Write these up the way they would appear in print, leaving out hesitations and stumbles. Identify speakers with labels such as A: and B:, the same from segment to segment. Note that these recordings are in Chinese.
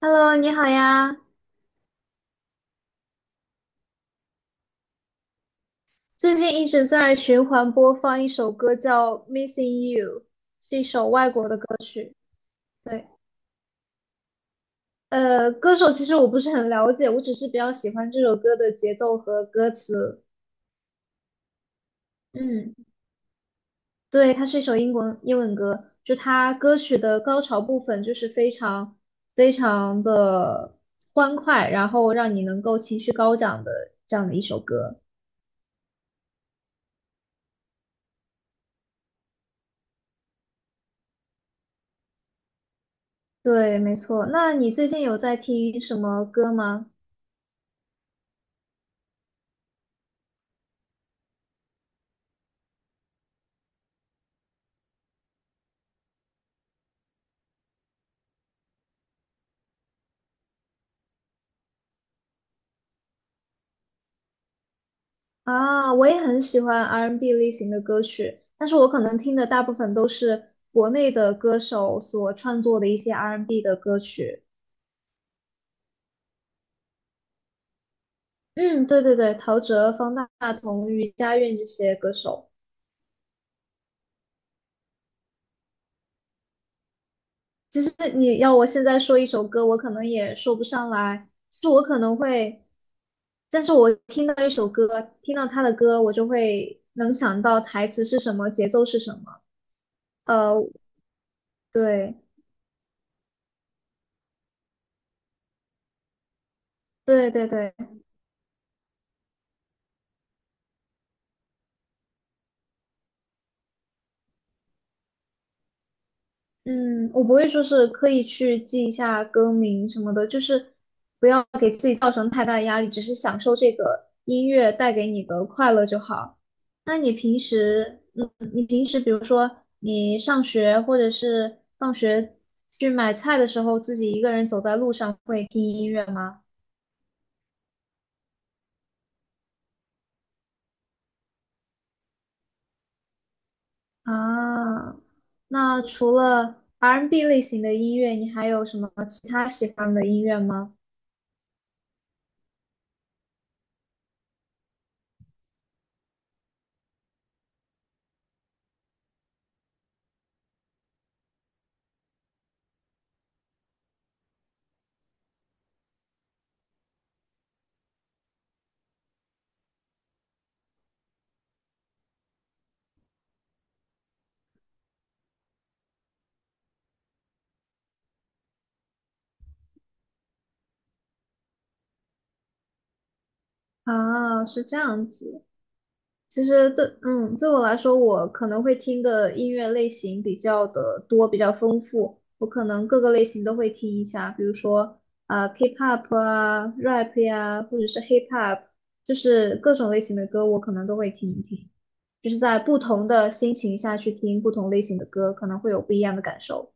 A: Hello，你好呀！最近一直在循环播放一首歌，叫《Missing You》，是一首外国的歌曲。对，歌手其实我不是很了解，我只是比较喜欢这首歌的节奏和歌词。嗯，对，它是一首英国英文歌，就它歌曲的高潮部分就是非常非常的欢快，然后让你能够情绪高涨的这样的一首歌。对，没错。那你最近有在听什么歌吗？啊，我也很喜欢 R&B n 类型的歌曲，但是我可能听的大部分都是国内的歌手所创作的一些 R&B n 的歌曲。嗯，对对对，陶喆、方大同、余佳韵这些歌手。其实你要我现在说一首歌，我可能也说不上来，就是我可能会，但是我听到一首歌，听到他的歌，我就会能想到台词是什么，节奏是什么。呃，对对对对。嗯，我不会说是刻意去记一下歌名什么的，就是不要给自己造成太大的压力，只是享受这个音乐带给你的快乐就好。那你平时，嗯，你平时比如说你上学或者是放学去买菜的时候，自己一个人走在路上会听音乐吗？啊，那除了 R&B n 类型的音乐，你还有什么其他喜欢的音乐吗？啊，是这样子。其实对，嗯，对我来说，我可能会听的音乐类型比较的多，比较丰富。我可能各个类型都会听一下，比如说啊、K-pop 啊、rap 呀、或者是 hip hop，就是各种类型的歌，我可能都会听一听。就是在不同的心情下去听不同类型的歌，可能会有不一样的感受。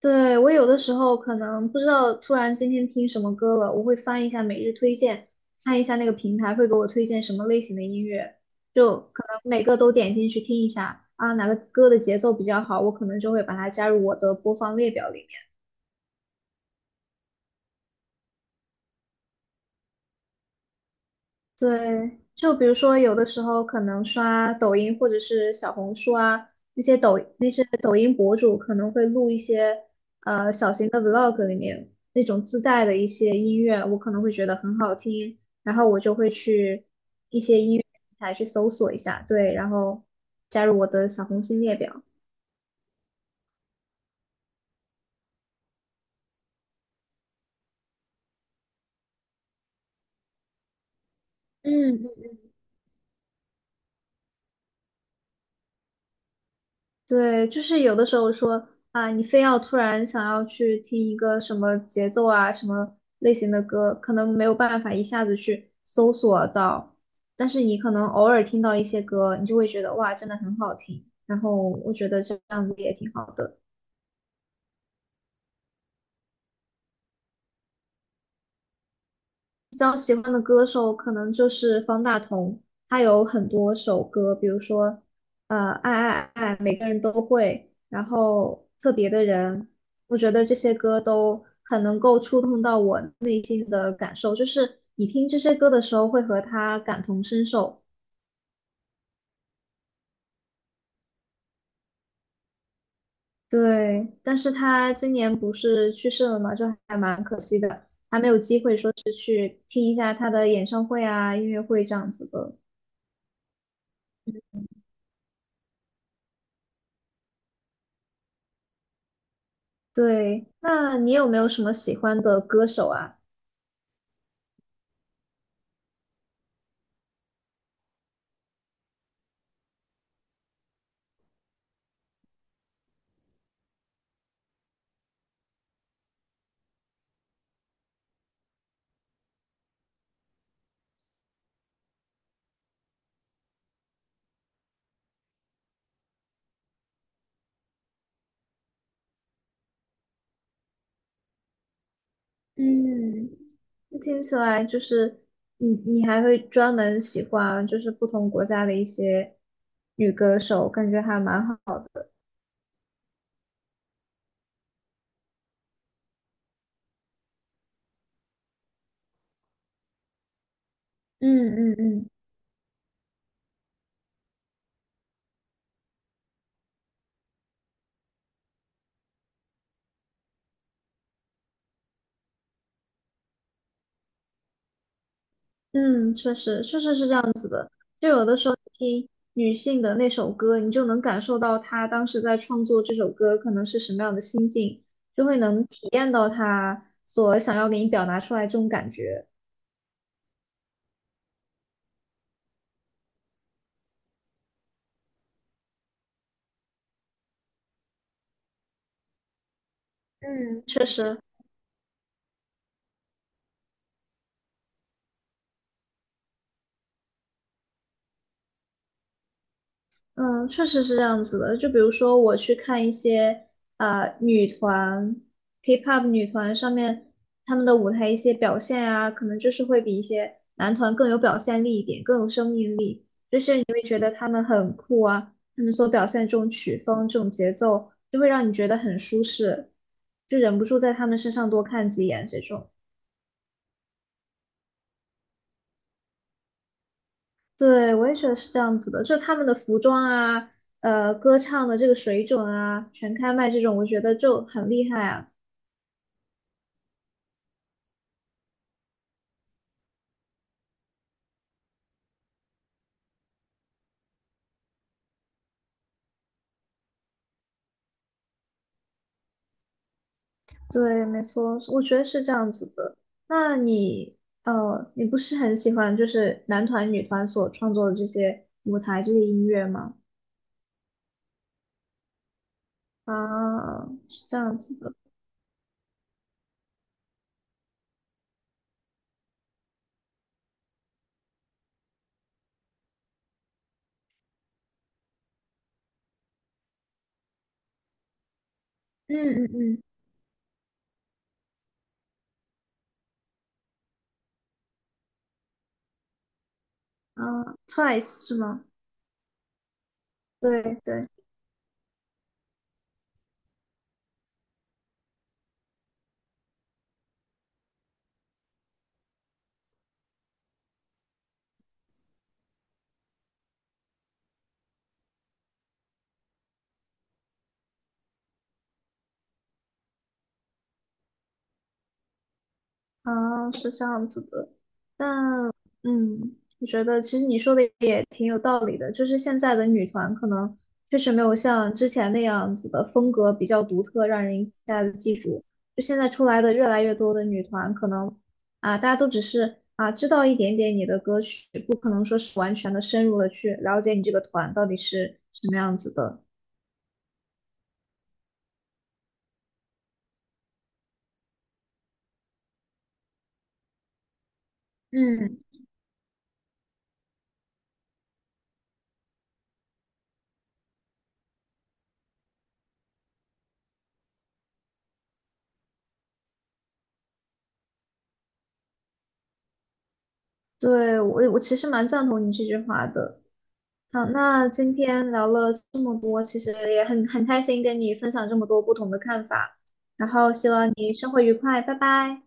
A: 对，我有的时候可能不知道，突然今天听什么歌了，我会翻一下每日推荐，看一下那个平台会给我推荐什么类型的音乐，就可能每个都点进去听一下啊，哪个歌的节奏比较好，我可能就会把它加入我的播放列表里。对，就比如说有的时候可能刷抖音或者是小红书啊，那些抖音博主可能会录一些小型的 vlog 里面那种自带的一些音乐，我可能会觉得很好听，然后我就会去一些音乐平台去搜索一下，对，然后加入我的小红心列表。嗯。对，就是有的时候说啊，你非要突然想要去听一个什么节奏啊、什么类型的歌，可能没有办法一下子去搜索到，但是你可能偶尔听到一些歌，你就会觉得哇，真的很好听。然后我觉得这样子也挺好的。比较喜欢的歌手可能就是方大同，他有很多首歌，比如说爱爱爱，每个人都会，然后特别的人，我觉得这些歌都很能够触动到我内心的感受，就是你听这些歌的时候会和他感同身受。对，但是他今年不是去世了嘛，就还蛮可惜的，还没有机会说去听一下他的演唱会啊、音乐会这样子的。对，那你有没有什么喜欢的歌手啊？嗯，听起来就是你，你还会专门喜欢就是不同国家的一些女歌手，感觉还蛮好。的。嗯嗯嗯，嗯，确实，确实是这样子的。就有的时候你听女性的那首歌，你就能感受到她当时在创作这首歌可能是什么样的心境，就会能体验到她所想要给你表达出来这种感觉。嗯，确实。嗯，确实是这样子的。就比如说，我去看一些啊、女团、K-pop 女团上面他们的舞台一些表现啊，可能就是会比一些男团更有表现力一点，更有生命力。就以你会觉得他们很酷啊，他们所表现这种曲风、这种节奏，就会让你觉得很舒适，就忍不住在他们身上多看几眼这种。对，我也觉得是这样子的，就他们的服装啊，歌唱的这个水准啊，全开麦这种，我觉得就很厉害啊。对，没错，我觉得是这样子的。那你，你不是很喜欢就是男团、女团所创作的这些舞台这些音乐吗？啊，是这样子的。嗯嗯嗯，啊，Twice 是吗？对对。啊，是这样子的，但我觉得其实你说的也挺有道理的，就是现在的女团可能确实没有像之前那样子的风格比较独特，让人一下子记住。就现在出来的越来越多的女团，可能啊，大家都只是啊知道一点点你的歌曲，不可能说是完全的深入的去了解你这个团到底是什么样子的。嗯，对，我其实蛮赞同你这句话的。好，那今天聊了这么多，其实也很开心跟你分享这么多不同的看法，然后希望你生活愉快，拜拜。